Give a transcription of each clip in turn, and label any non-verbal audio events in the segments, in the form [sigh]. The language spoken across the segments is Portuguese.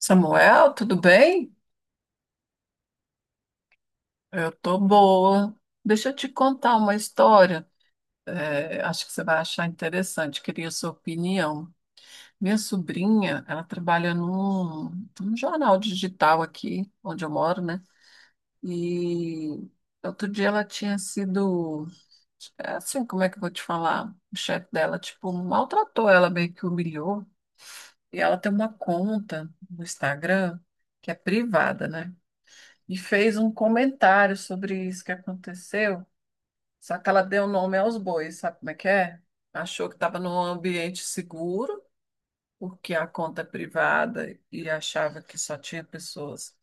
Samuel, tudo bem? Eu tô boa. Deixa eu te contar uma história. Acho que você vai achar interessante. Queria sua opinião. Minha sobrinha, ela trabalha num jornal digital aqui, onde eu moro, né? E outro dia ela tinha sido, é assim, como é que eu vou te falar? O chefe dela, tipo, maltratou ela, meio que humilhou. E ela tem uma conta no Instagram que é privada, né? E fez um comentário sobre isso que aconteceu. Só que ela deu nome aos bois, sabe como é que é? Achou que estava num ambiente seguro, porque a conta é privada e achava que só tinha pessoas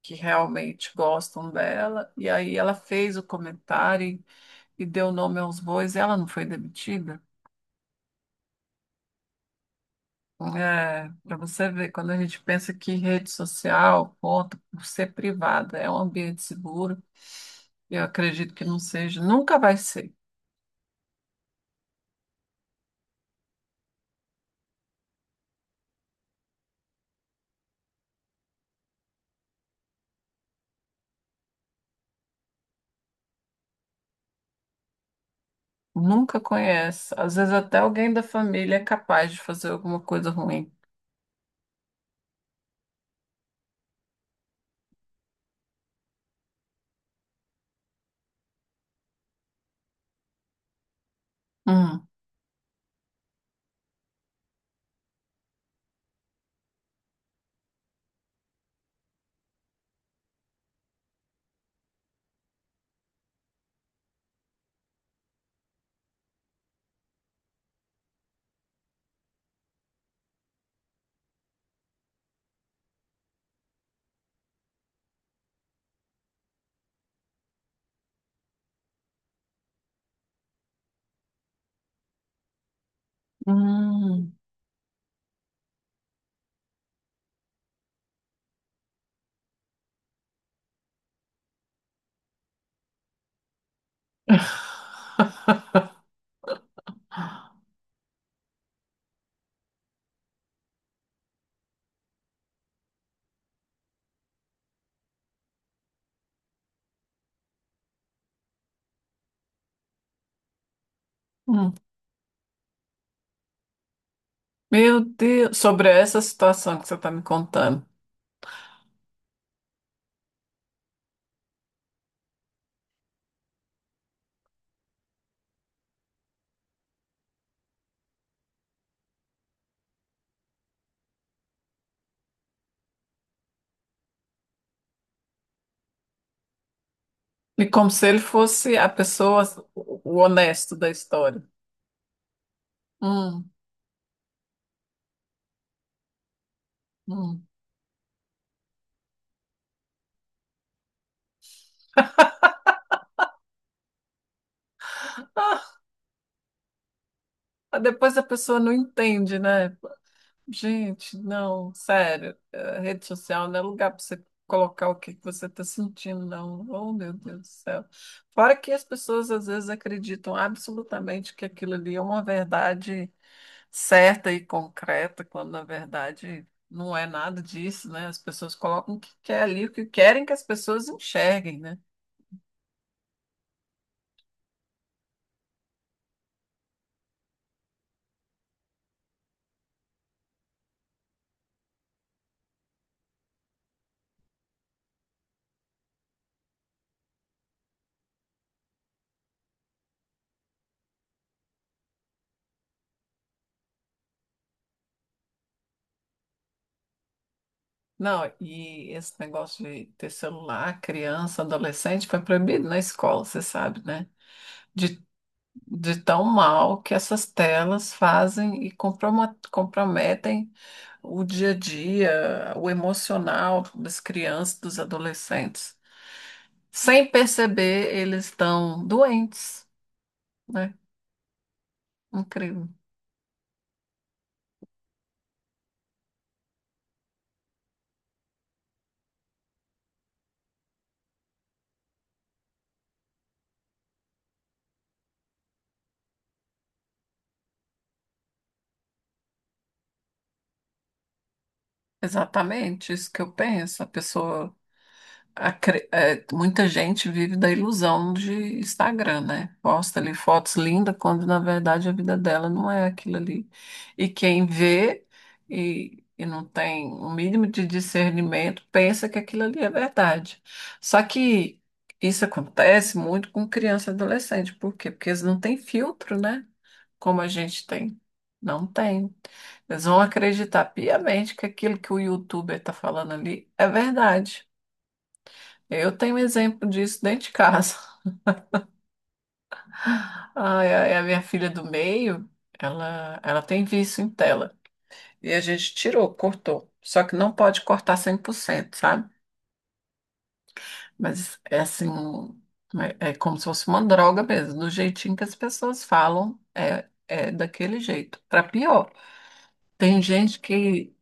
que realmente gostam dela. E aí ela fez o comentário e deu nome aos bois e ela não foi demitida. É, para você ver, quando a gente pensa que rede social, conta por ser privada, é um ambiente seguro, eu acredito que não seja, nunca vai ser. Nunca conhece. Às vezes até alguém da família é capaz de fazer alguma coisa ruim. Hum. Hum. [laughs] Hum. Meu Deus, sobre essa situação que você está me contando. E como se ele fosse a pessoa, o honesto da história. Hum. Hum. Ah, mas depois a pessoa não entende, né? Gente, não, sério, a rede social não é lugar para você colocar o que que você está sentindo, não. Oh, meu Deus do céu. Fora que as pessoas às vezes acreditam absolutamente que aquilo ali é uma verdade certa e concreta, quando na verdade não é nada disso, né? As pessoas colocam o que quer ali, o que querem que as pessoas enxerguem, né? Não, e esse negócio de ter celular, criança, adolescente, foi proibido na escola, você sabe, né? De de tão mal que essas telas fazem e comprometem o dia a dia, o emocional das crianças, dos adolescentes. Sem perceber, eles estão doentes, né? Incrível. Exatamente isso que eu penso. A pessoa muita gente vive da ilusão de Instagram, né? Posta ali fotos lindas, quando na verdade a vida dela não é aquilo ali. E quem vê e não tem o mínimo de discernimento pensa que aquilo ali é verdade. Só que isso acontece muito com criança e adolescente. Por quê? Porque eles não têm filtro, né? Como a gente tem. Não tem. Eles vão acreditar piamente que aquilo que o YouTuber está falando ali é verdade. Eu tenho um exemplo disso dentro de casa. [laughs] Ai, ai, a minha filha do meio, ela tem vício em tela. E a gente tirou, cortou. Só que não pode cortar 100%, sabe? Mas é assim, é como se fosse uma droga mesmo. Do jeitinho que as pessoas falam, é daquele jeito. Para pior, tem gente que,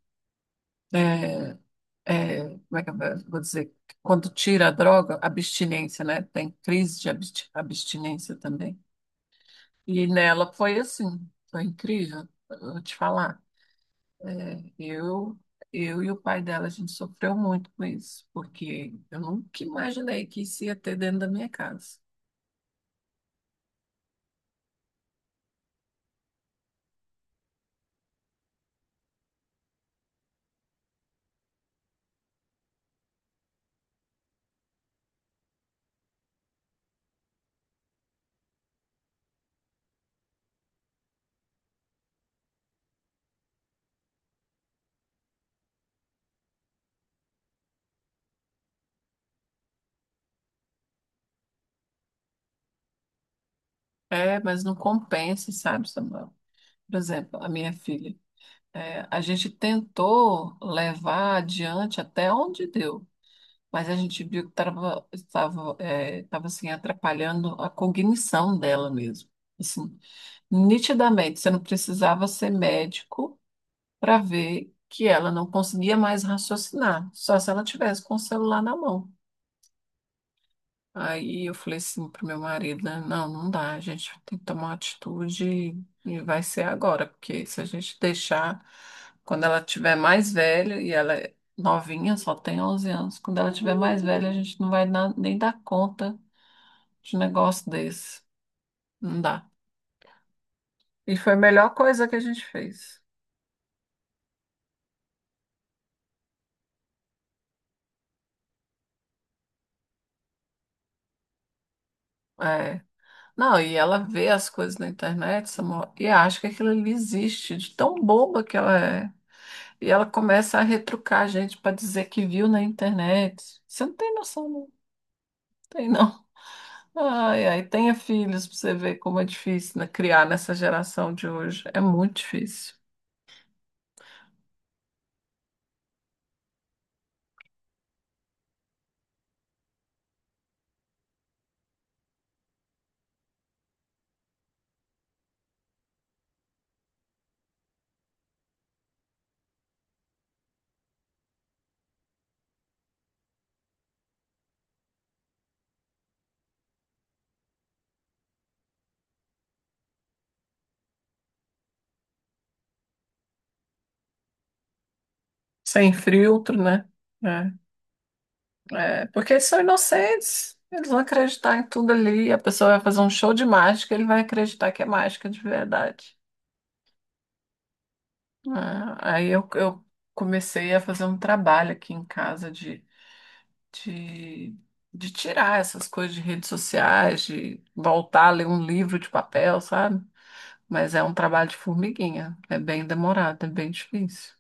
é, como é que eu vou dizer? Quando tira a droga, abstinência, né? Tem crise de abstinência também. E nela foi assim, foi incrível, eu vou te falar. É, eu, eu e o pai dela, a gente sofreu muito com isso, porque eu nunca imaginei que isso ia ter dentro da minha casa. É, mas não compensa, sabe, Samuel? Por exemplo, a minha filha, a gente tentou levar adiante até onde deu, mas a gente viu que estava assim, atrapalhando a cognição dela mesmo. Assim, nitidamente, você não precisava ser médico para ver que ela não conseguia mais raciocinar, só se ela tivesse com o celular na mão. Aí eu falei assim pro meu marido, né? Não dá, a gente tem que tomar uma atitude e vai ser agora, porque se a gente deixar, quando ela tiver mais velha, e ela é novinha, só tem 11 anos, quando ela tiver mais velha, a gente não vai nem dar conta de um negócio desse. Não dá. E foi a melhor coisa que a gente fez. É. Não, e ela vê as coisas na internet, Samuel, e acha que aquilo ali existe, de tão boba que ela é. E ela começa a retrucar a gente para dizer que viu na internet. Você não tem noção, não tem, não. Ai, ai, tenha filhos para você ver como é difícil, né, criar nessa geração de hoje. É muito difícil. Sem filtro, né? É, porque eles são inocentes. Eles vão acreditar em tudo ali. A pessoa vai fazer um show de mágica, ele vai acreditar que é mágica de verdade. Ah, aí eu comecei a fazer um trabalho aqui em casa de, de tirar essas coisas de redes sociais, de voltar a ler um livro de papel, sabe? Mas é um trabalho de formiguinha, é bem demorado, é bem difícil.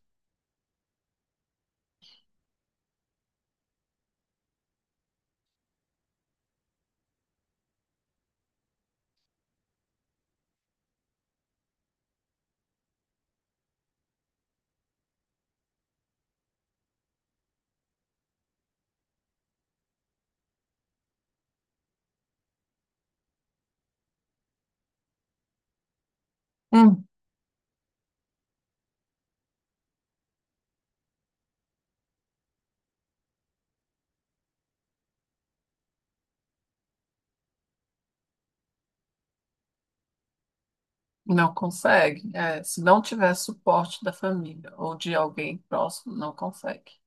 Hum. Não consegue. É, se não tiver suporte da família ou de alguém próximo, não consegue.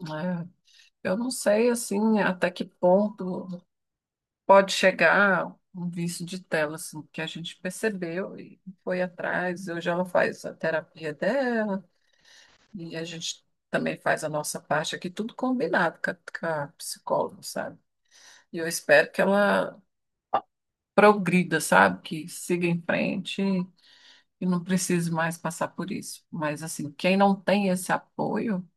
É, eu não sei assim até que ponto pode chegar um vício de tela, assim, que a gente percebeu e foi atrás. Hoje ela faz a terapia dela e a gente também faz a nossa parte aqui, tudo combinado com com a psicóloga, sabe? E eu espero que ela progrida, sabe? Que siga em frente e não precise mais passar por isso. Mas, assim, quem não tem esse apoio.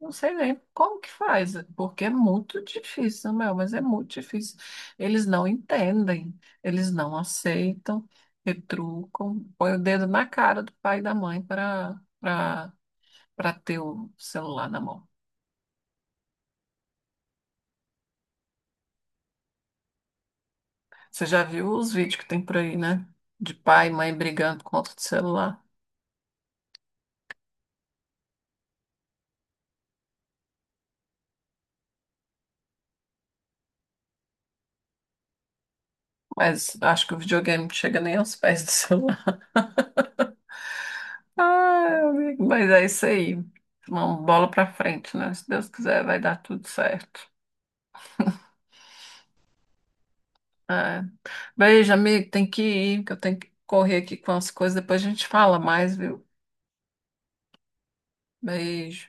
Não sei nem como que faz, porque é muito difícil, meu, mas é muito difícil. Eles não entendem, eles não aceitam, retrucam, põe o dedo na cara do pai e da mãe para ter o celular na mão. Você já viu os vídeos que tem por aí, né? De pai e mãe brigando por conta do celular. Mas acho que o videogame não chega nem aos pés do celular. [laughs] Ah, amigo, mas é isso aí. Uma bola para frente, né? Se Deus quiser, vai dar tudo certo. É. Beijo, amigo. Tem que ir, que eu tenho que correr aqui com as coisas. Depois a gente fala mais, viu? Beijo.